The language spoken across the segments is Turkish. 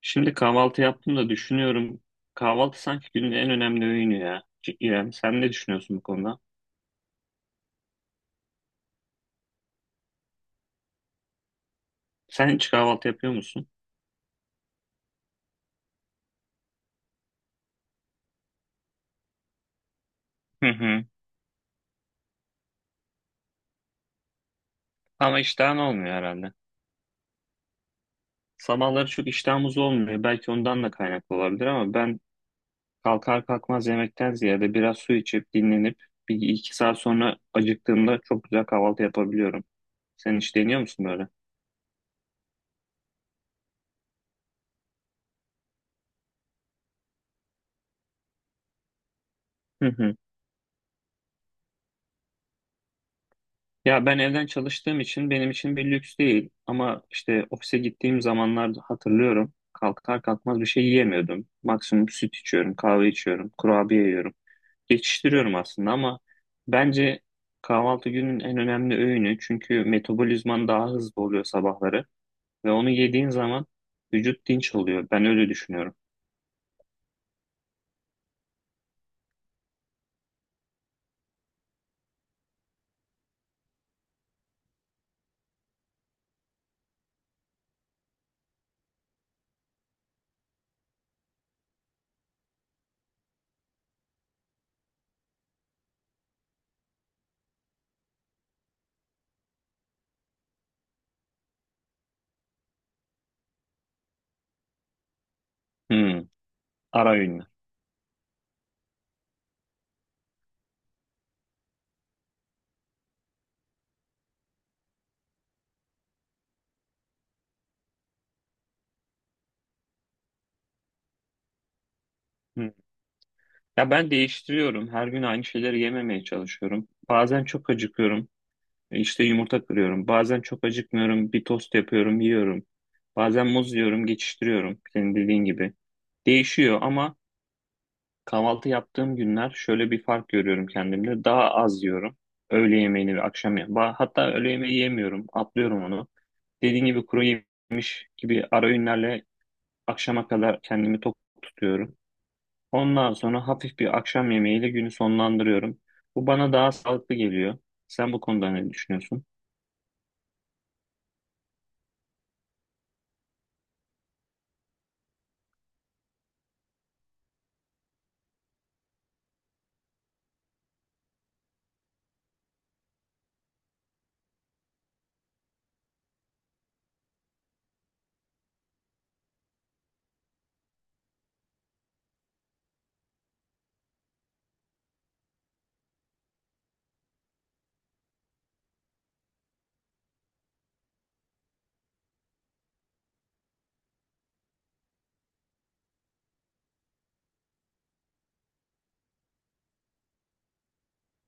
Şimdi kahvaltı yaptım da düşünüyorum. Kahvaltı sanki günün en önemli öğünü ya. C- İrem, sen ne düşünüyorsun bu konuda? Sen hiç kahvaltı yapıyor musun? Hı hı. Ama iştahın olmuyor herhalde. Sabahları çok iştahımız olmuyor. Belki ondan da kaynaklı olabilir ama ben kalkar kalkmaz yemekten ziyade biraz su içip dinlenip bir iki saat sonra acıktığımda çok güzel kahvaltı yapabiliyorum. Sen hiç deniyor musun böyle? Hı hı. Ya ben evden çalıştığım için benim için bir lüks değil ama işte ofise gittiğim zamanlar hatırlıyorum kalkar kalkmaz bir şey yiyemiyordum. Maksimum süt içiyorum, kahve içiyorum, kurabiye yiyorum. Geçiştiriyorum aslında ama bence kahvaltı günün en önemli öğünü çünkü metabolizman daha hızlı oluyor sabahları ve onu yediğin zaman vücut dinç oluyor. Ben öyle düşünüyorum. Hmm, ara öğünler. Hı. Ya ben değiştiriyorum. Her gün aynı şeyleri yememeye çalışıyorum. Bazen çok acıkıyorum. İşte yumurta kırıyorum. Bazen çok acıkmıyorum. Bir tost yapıyorum, yiyorum. Bazen muz yiyorum, geçiştiriyorum. Senin dediğin gibi. Değişiyor ama kahvaltı yaptığım günler şöyle bir fark görüyorum kendimde. Daha az yiyorum. Öğle yemeğini ve akşam yemeğini. Hatta öğle yemeği yemiyorum. Atlıyorum onu. Dediğin gibi kuru yemiş gibi ara öğünlerle akşama kadar kendimi tok tutuyorum. Ondan sonra hafif bir akşam yemeğiyle günü sonlandırıyorum. Bu bana daha sağlıklı geliyor. Sen bu konuda ne düşünüyorsun?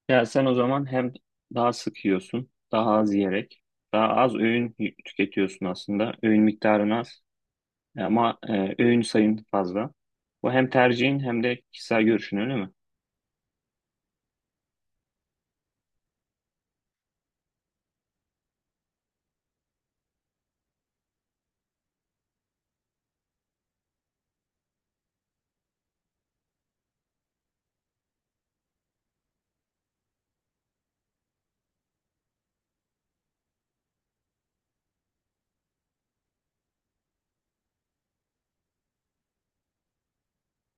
Ya sen o zaman hem daha sık yiyorsun, daha az yiyerek, daha az öğün tüketiyorsun aslında. Öğün miktarın az ama öğün sayın fazla. Bu hem tercihin hem de kişisel görüşün öyle mi?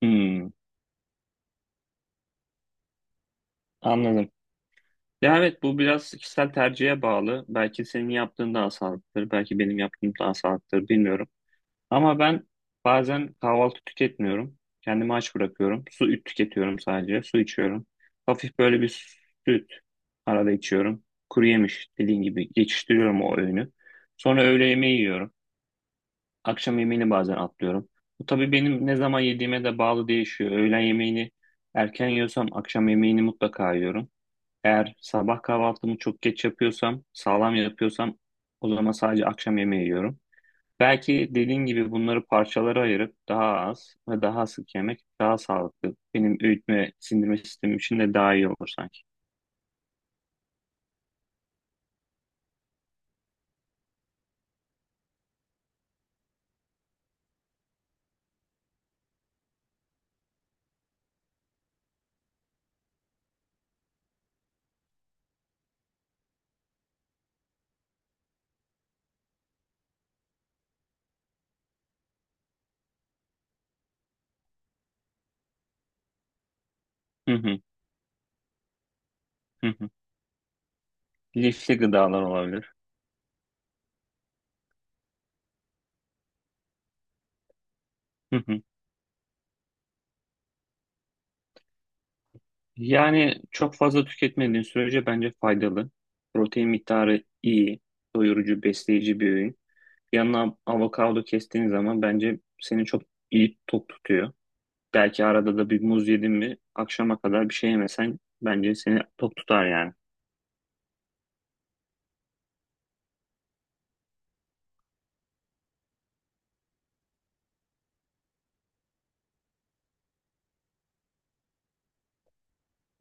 Hmm, anladım. Ya evet, bu biraz kişisel tercihe bağlı. Belki senin yaptığın daha sağlıklıdır, belki benim yaptığım daha sağlıklıdır, bilmiyorum. Ama ben bazen kahvaltı tüketmiyorum. Kendimi aç bırakıyorum. Su üt tüketiyorum sadece. Su içiyorum. Hafif böyle bir süt arada içiyorum. Kuru yemiş dediğin gibi geçiştiriyorum o öğünü. Sonra öğle yemeği yiyorum. Akşam yemeğini bazen atlıyorum. Bu tabii benim ne zaman yediğime de bağlı değişiyor. Öğlen yemeğini erken yiyorsam akşam yemeğini mutlaka yiyorum. Eğer sabah kahvaltımı çok geç yapıyorsam, sağlam yapıyorsam o zaman sadece akşam yemeği yiyorum. Belki dediğin gibi bunları parçalara ayırıp daha az ve daha sık yemek daha sağlıklı. Benim öğütme sindirme sistemim için de daha iyi olur sanki. Hı hı, hı hı. Lifli gıdalar olabilir. Hı hı. Yani çok fazla tüketmediğin sürece bence faydalı. Protein miktarı iyi, doyurucu, besleyici bir öğün. Yanına avokado kestiğin zaman bence seni çok iyi tok tutuyor. Belki arada da bir muz yedin mi akşama kadar bir şey yemesen bence seni tok tutar yani.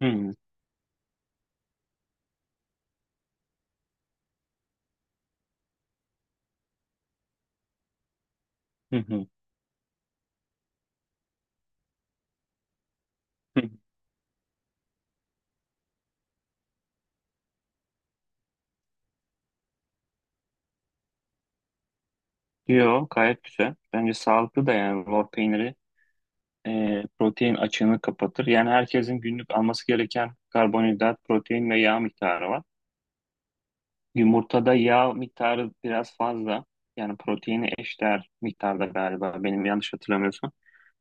Hı hı, hı hı. Yo, gayet güzel. Bence sağlıklı da yani lor peyniri protein açığını kapatır. Yani herkesin günlük alması gereken karbonhidrat, protein ve yağ miktarı var. Yumurtada yağ miktarı biraz fazla. Yani proteini eşdeğer miktarda galiba, benim yanlış hatırlamıyorsam.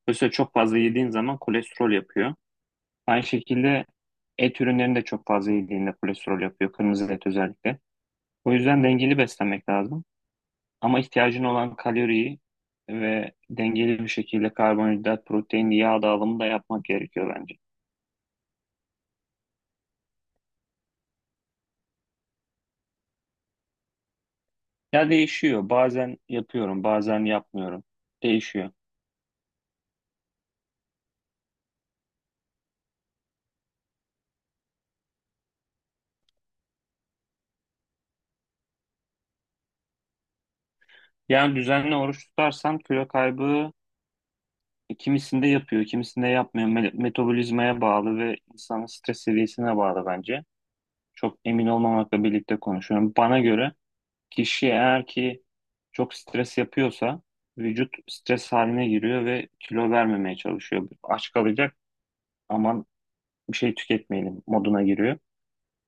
Dolayısıyla çok fazla yediğin zaman kolesterol yapıyor. Aynı şekilde et ürünlerini de çok fazla yediğinde kolesterol yapıyor. Kırmızı et özellikle. O yüzden dengeli beslenmek lazım. Ama ihtiyacın olan kaloriyi ve dengeli bir şekilde karbonhidrat, protein, yağ dağılımı da yapmak gerekiyor bence. Ya değişiyor. Bazen yapıyorum, bazen yapmıyorum. Değişiyor. Yani düzenli oruç tutarsam kilo kaybı kimisinde yapıyor, kimisinde yapmıyor. Metabolizmaya bağlı ve insanın stres seviyesine bağlı bence. Çok emin olmamakla birlikte konuşuyorum. Bana göre kişi eğer ki çok stres yapıyorsa vücut stres haline giriyor ve kilo vermemeye çalışıyor. Aç kalacak, aman bir şey tüketmeyelim moduna giriyor.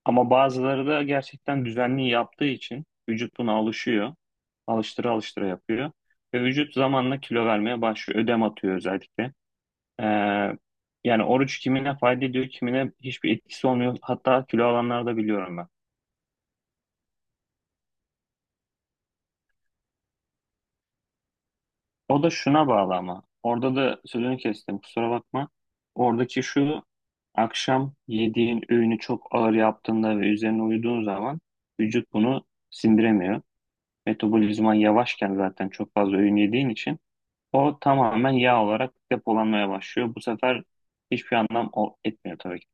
Ama bazıları da gerçekten düzenli yaptığı için vücut buna alışıyor. Alıştıra alıştıra yapıyor. Ve vücut zamanla kilo vermeye başlıyor. Ödem atıyor özellikle. Ee, Yani oruç kimine fayda ediyor, kimine hiçbir etkisi olmuyor. Hatta kilo alanları da biliyorum ben. O da şuna bağlı ama. Orada da sözünü kestim, kusura bakma. Oradaki şu akşam yediğin öğünü çok ağır yaptığında ve üzerine uyuduğun zaman vücut bunu sindiremiyor. Metabolizman yavaşken zaten çok fazla öğün yediğin için o tamamen yağ olarak depolanmaya başlıyor. Bu sefer hiçbir anlam etmiyor tabii ki.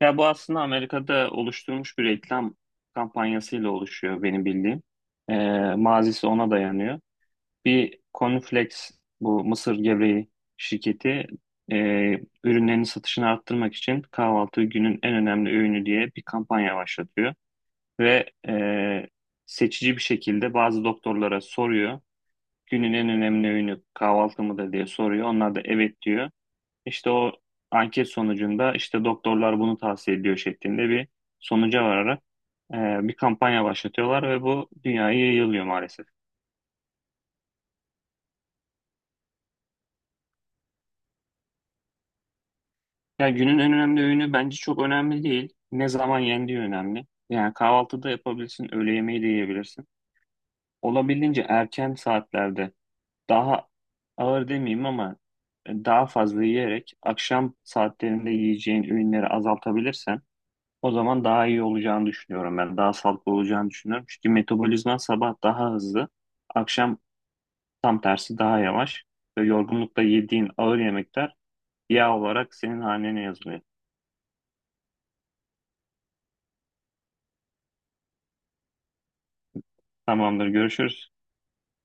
Ya bu aslında Amerika'da oluşturulmuş bir reklam kampanyasıyla oluşuyor benim bildiğim. Ee, Mazisi ona dayanıyor. Bir Cornflakes, bu mısır gevreği şirketi, e, ürünlerini satışını arttırmak için kahvaltı günün en önemli öğünü diye bir kampanya başlatıyor. Ve seçici bir şekilde bazı doktorlara soruyor. Günün en önemli öğünü kahvaltı mıdır diye soruyor. Onlar da evet diyor. İşte o anket sonucunda işte doktorlar bunu tavsiye ediyor şeklinde bir sonuca vararak e, bir kampanya başlatıyorlar ve bu dünyaya yayılıyor maalesef. Yani günün en önemli öğünü bence çok önemli değil. Ne zaman yendiği önemli. Yani kahvaltıda yapabilirsin, öğle yemeği de yiyebilirsin. Olabildiğince erken saatlerde daha ağır demeyeyim ama daha fazla yiyerek akşam saatlerinde yiyeceğin ürünleri azaltabilirsen o zaman daha iyi olacağını düşünüyorum ben. Daha sağlıklı olacağını düşünüyorum. Çünkü metabolizman sabah daha hızlı, akşam tam tersi daha yavaş ve yorgunlukta yediğin ağır yemekler yağ olarak senin hanene yazılıyor. Tamamdır, görüşürüz.